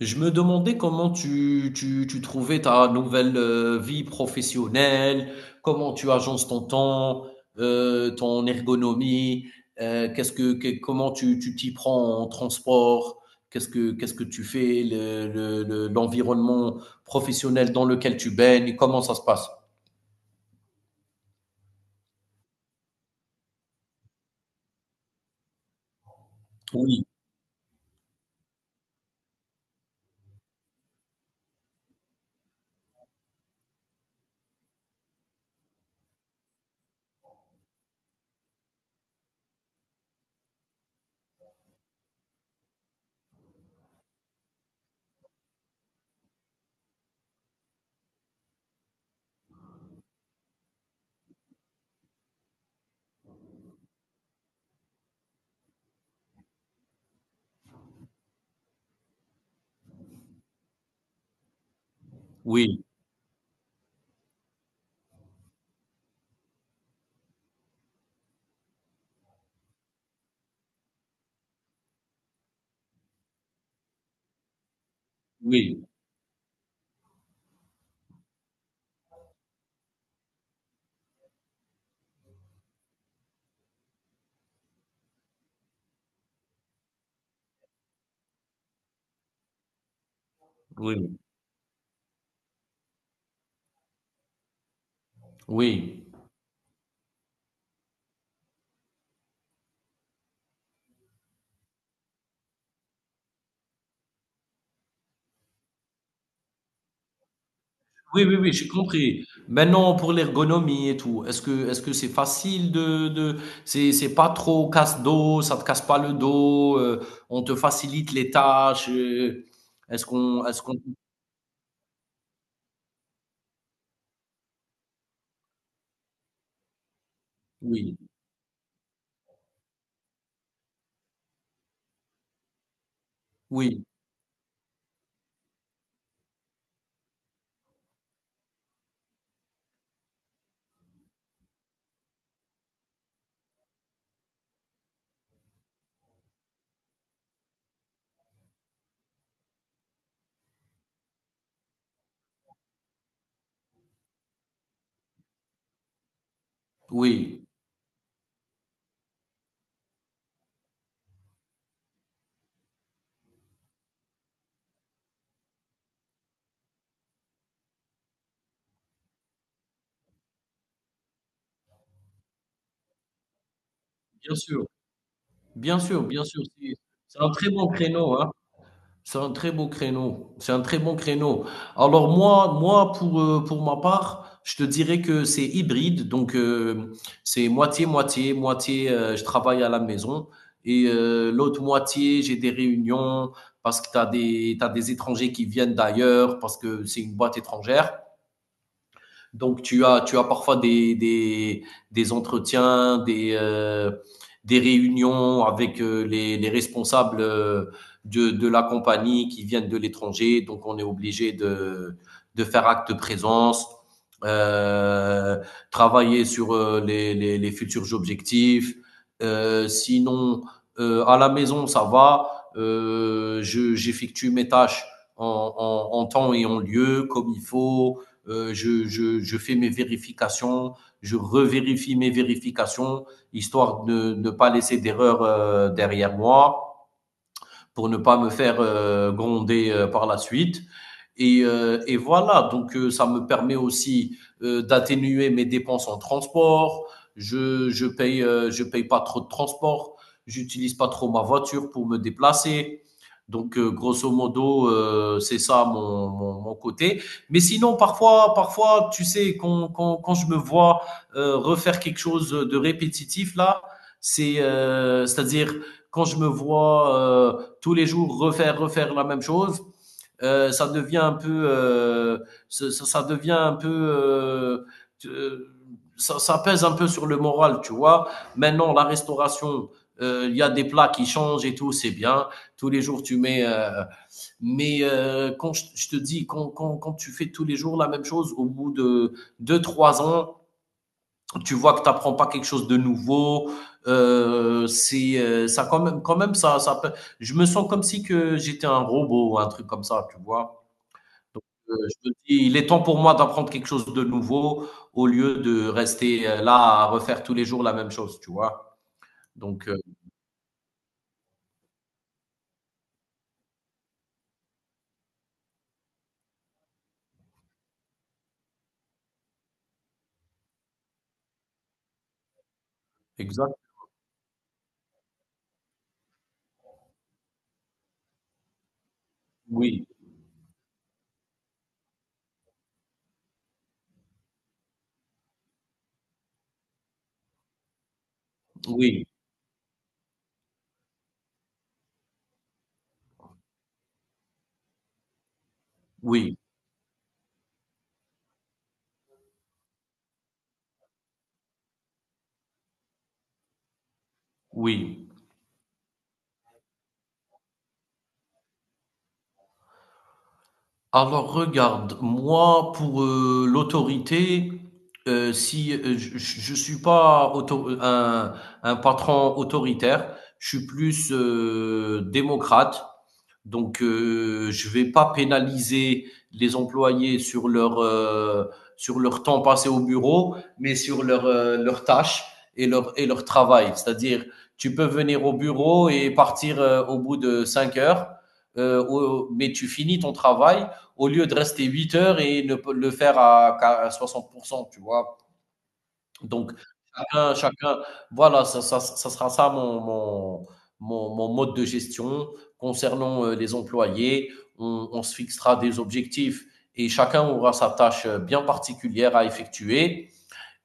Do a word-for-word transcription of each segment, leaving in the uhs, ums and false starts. Je me demandais comment tu, tu, tu trouvais ta nouvelle euh, vie professionnelle, comment tu agences ton temps, euh, ton ergonomie, euh, qu'est-ce que, que- comment tu, tu t'y prends en transport, qu'est-ce que, qu'est-ce que tu fais, le, le- le- l'environnement professionnel dans lequel tu baignes, comment ça se passe? Oui, oui, oui, oui, oui. Oui, oui, oui, j'ai compris. Maintenant, pour l'ergonomie et tout, est-ce que est-ce que c'est facile de de c'est c'est pas trop casse-dos, ça te casse pas le dos, heu, on te facilite les tâches, heu, est-ce qu'on est-ce qu'on oui, oui, oui, bien sûr, bien sûr, bien sûr, c'est c'est un très bon créneau, hein. C'est un très beau créneau. C'est un très bon créneau. Alors moi, moi pour, euh, pour ma part, je te dirais que c'est hybride. Donc euh, c'est moitié-moitié. Moitié, moitié, euh, je travaille à la maison et euh, l'autre moitié, j'ai des réunions parce que tu as des, t'as des étrangers qui viennent d'ailleurs, parce que c'est une boîte étrangère. Donc, tu as, tu as parfois des, des, des entretiens, des, euh, des réunions avec euh, les, les responsables euh, de, de la compagnie qui viennent de l'étranger. Donc, on est obligé de, de faire acte de présence, euh, travailler sur euh, les, les, les futurs objectifs. Euh, sinon, euh, à la maison, ça va. Euh, je- J'effectue mes tâches en, en, en temps et en lieu, comme il faut. Euh, je, je, je fais mes vérifications, je revérifie mes vérifications, histoire de ne pas laisser d'erreur euh, derrière moi pour ne pas me faire euh, gronder euh, par la suite. Et, euh, et voilà, donc euh, ça me permet aussi euh, d'atténuer mes dépenses en transport. Je je paye euh, je paye pas trop de transport. J'utilise pas trop ma voiture pour me déplacer. Donc euh, grosso modo, euh, c'est ça mon, mon, mon côté. Mais sinon, parfois parfois, tu sais, quand quand quand je me vois euh, refaire quelque chose de répétitif là, c'est euh, c'est-à-dire quand je me vois euh, tous les jours refaire, refaire la même chose, euh, ça devient un peu, euh, ça, ça devient un peu, euh, euh, ça, ça pèse un peu sur le moral, tu vois. Maintenant, la restauration, euh, il y a des plats qui changent et tout, c'est bien. Tous les jours, tu mets. euh, mais euh, quand je, je te dis, quand, quand, quand tu fais tous les jours la même chose, au bout de deux, trois ans, tu vois que tu n'apprends pas quelque chose de nouveau. Euh, c'est euh, Ça quand même, quand même ça, ça peut- je me sens comme si que j'étais un robot ou un truc comme ça, tu vois. Donc, euh, je me dis, il est temps pour moi d'apprendre quelque chose de nouveau au lieu de rester euh, là à refaire tous les jours la même chose, tu vois. Donc, euh, exact. Oui, oui, oui, oui. Alors regarde, moi pour, heu, l'autorité, heu, si, heu, je je je suis pas auto un un patron autoritaire, je suis plus, heu, démocrate. Donc, heu, je vais pas pénaliser les employés sur leur, heu, sur leur temps passé au bureau, mais sur leur, heu, leurs tâches et leur et leur travail. C'est-à-dire, tu peux venir au bureau et partir, heu, au bout de cinq heures, heu, au mais tu finis ton travail au lieu de rester huit heures et ne le faire à soixante pour cent, tu vois. Donc, chacun, chacun voilà, ça, ça, ça sera ça mon, mon, mon, mon mode de gestion. Concernant euh, les employés, on, on se fixera des objectifs et chacun aura sa tâche euh, bien particulière à effectuer.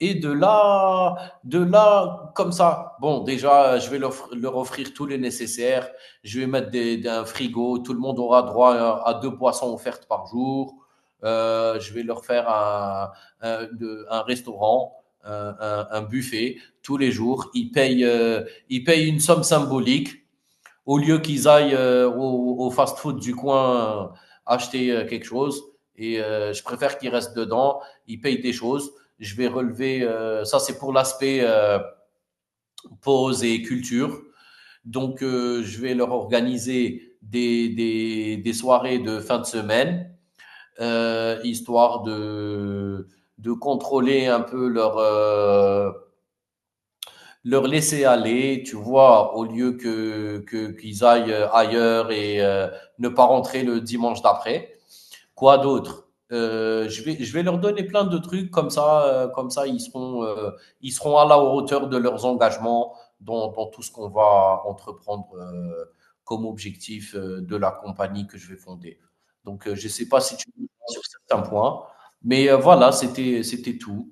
Et de là, de là, comme ça, bon, déjà, je vais leur, leur offrir tout le nécessaire. Je vais mettre des, des- un frigo. Tout le monde aura droit à, à deux boissons offertes par jour. Euh, je vais leur faire un, un- un restaurant, un, un- un buffet tous les jours. Ils payent, euh, ils payent une somme symbolique au lieu qu'ils aillent euh, au, au fast-food du coin euh, acheter euh, quelque chose. Et euh, je préfère qu'ils restent dedans, ils payent des choses. Je vais relever, euh, ça c'est pour l'aspect euh, pause et culture. Donc euh, je vais leur organiser des, des, des soirées de fin de semaine, euh, histoire de, de contrôler un peu leur, euh, leur laisser aller, tu vois, au lieu que que- qu'ils aillent euh, ailleurs et euh, ne pas rentrer le dimanche d'après. Quoi d'autre? Euh, Je vais je vais leur donner plein de trucs comme ça, euh, comme ça ils seront euh, ils seront à la hauteur de leurs engagements dans dans tout ce qu'on va entreprendre euh, comme objectif euh, de la compagnie que je vais fonder. Donc euh, je sais pas si tu veux sur certains points, mais euh, voilà, c'était c'était tout.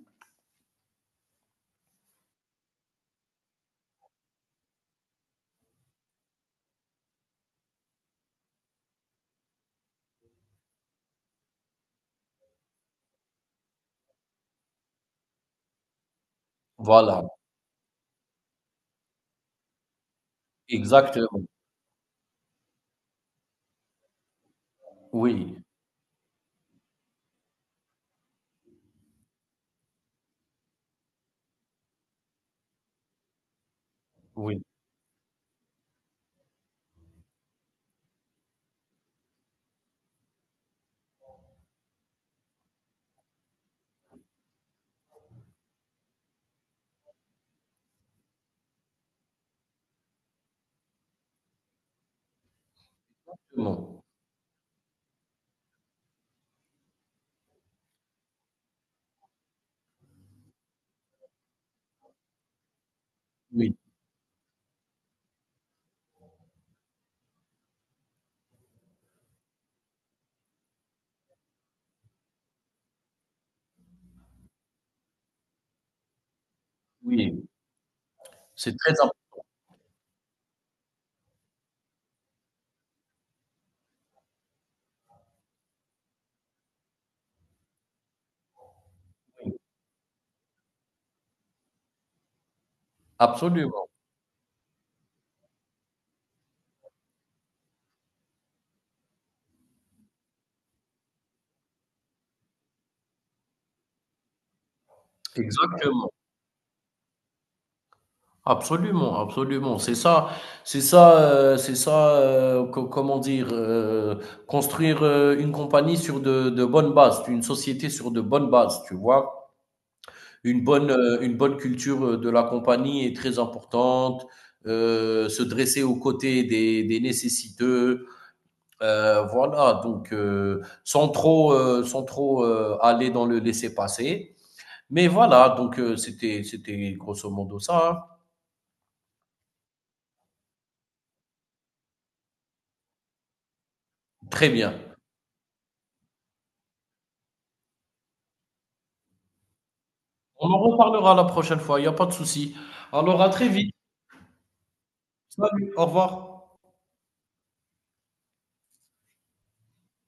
Voilà, exactement. Oui, oui. Bon. Oui, oui, c'est très im absolument, exactement, absolument, absolument. C'est ça c'est ça, heu, c'est ça, heu, co comment dire? Heu, construire, heu, une compagnie sur de de bonnes bases, une société sur de bonnes bases, tu vois? Une bonne, heu, une bonne culture, heu, de la compagnie est très importante, heu, se dresser aux côtés des des nécessiteux, heu, voilà. Donc heu, sans trop, heu, sans trop, heu, aller dans le laisser-passer. Mais voilà, donc heu, c'était c'était grosso modo ça, hein. Très bien. On en reparlera la prochaine fois, il n'y a pas de souci. Alors à très vite. Salut, au revoir.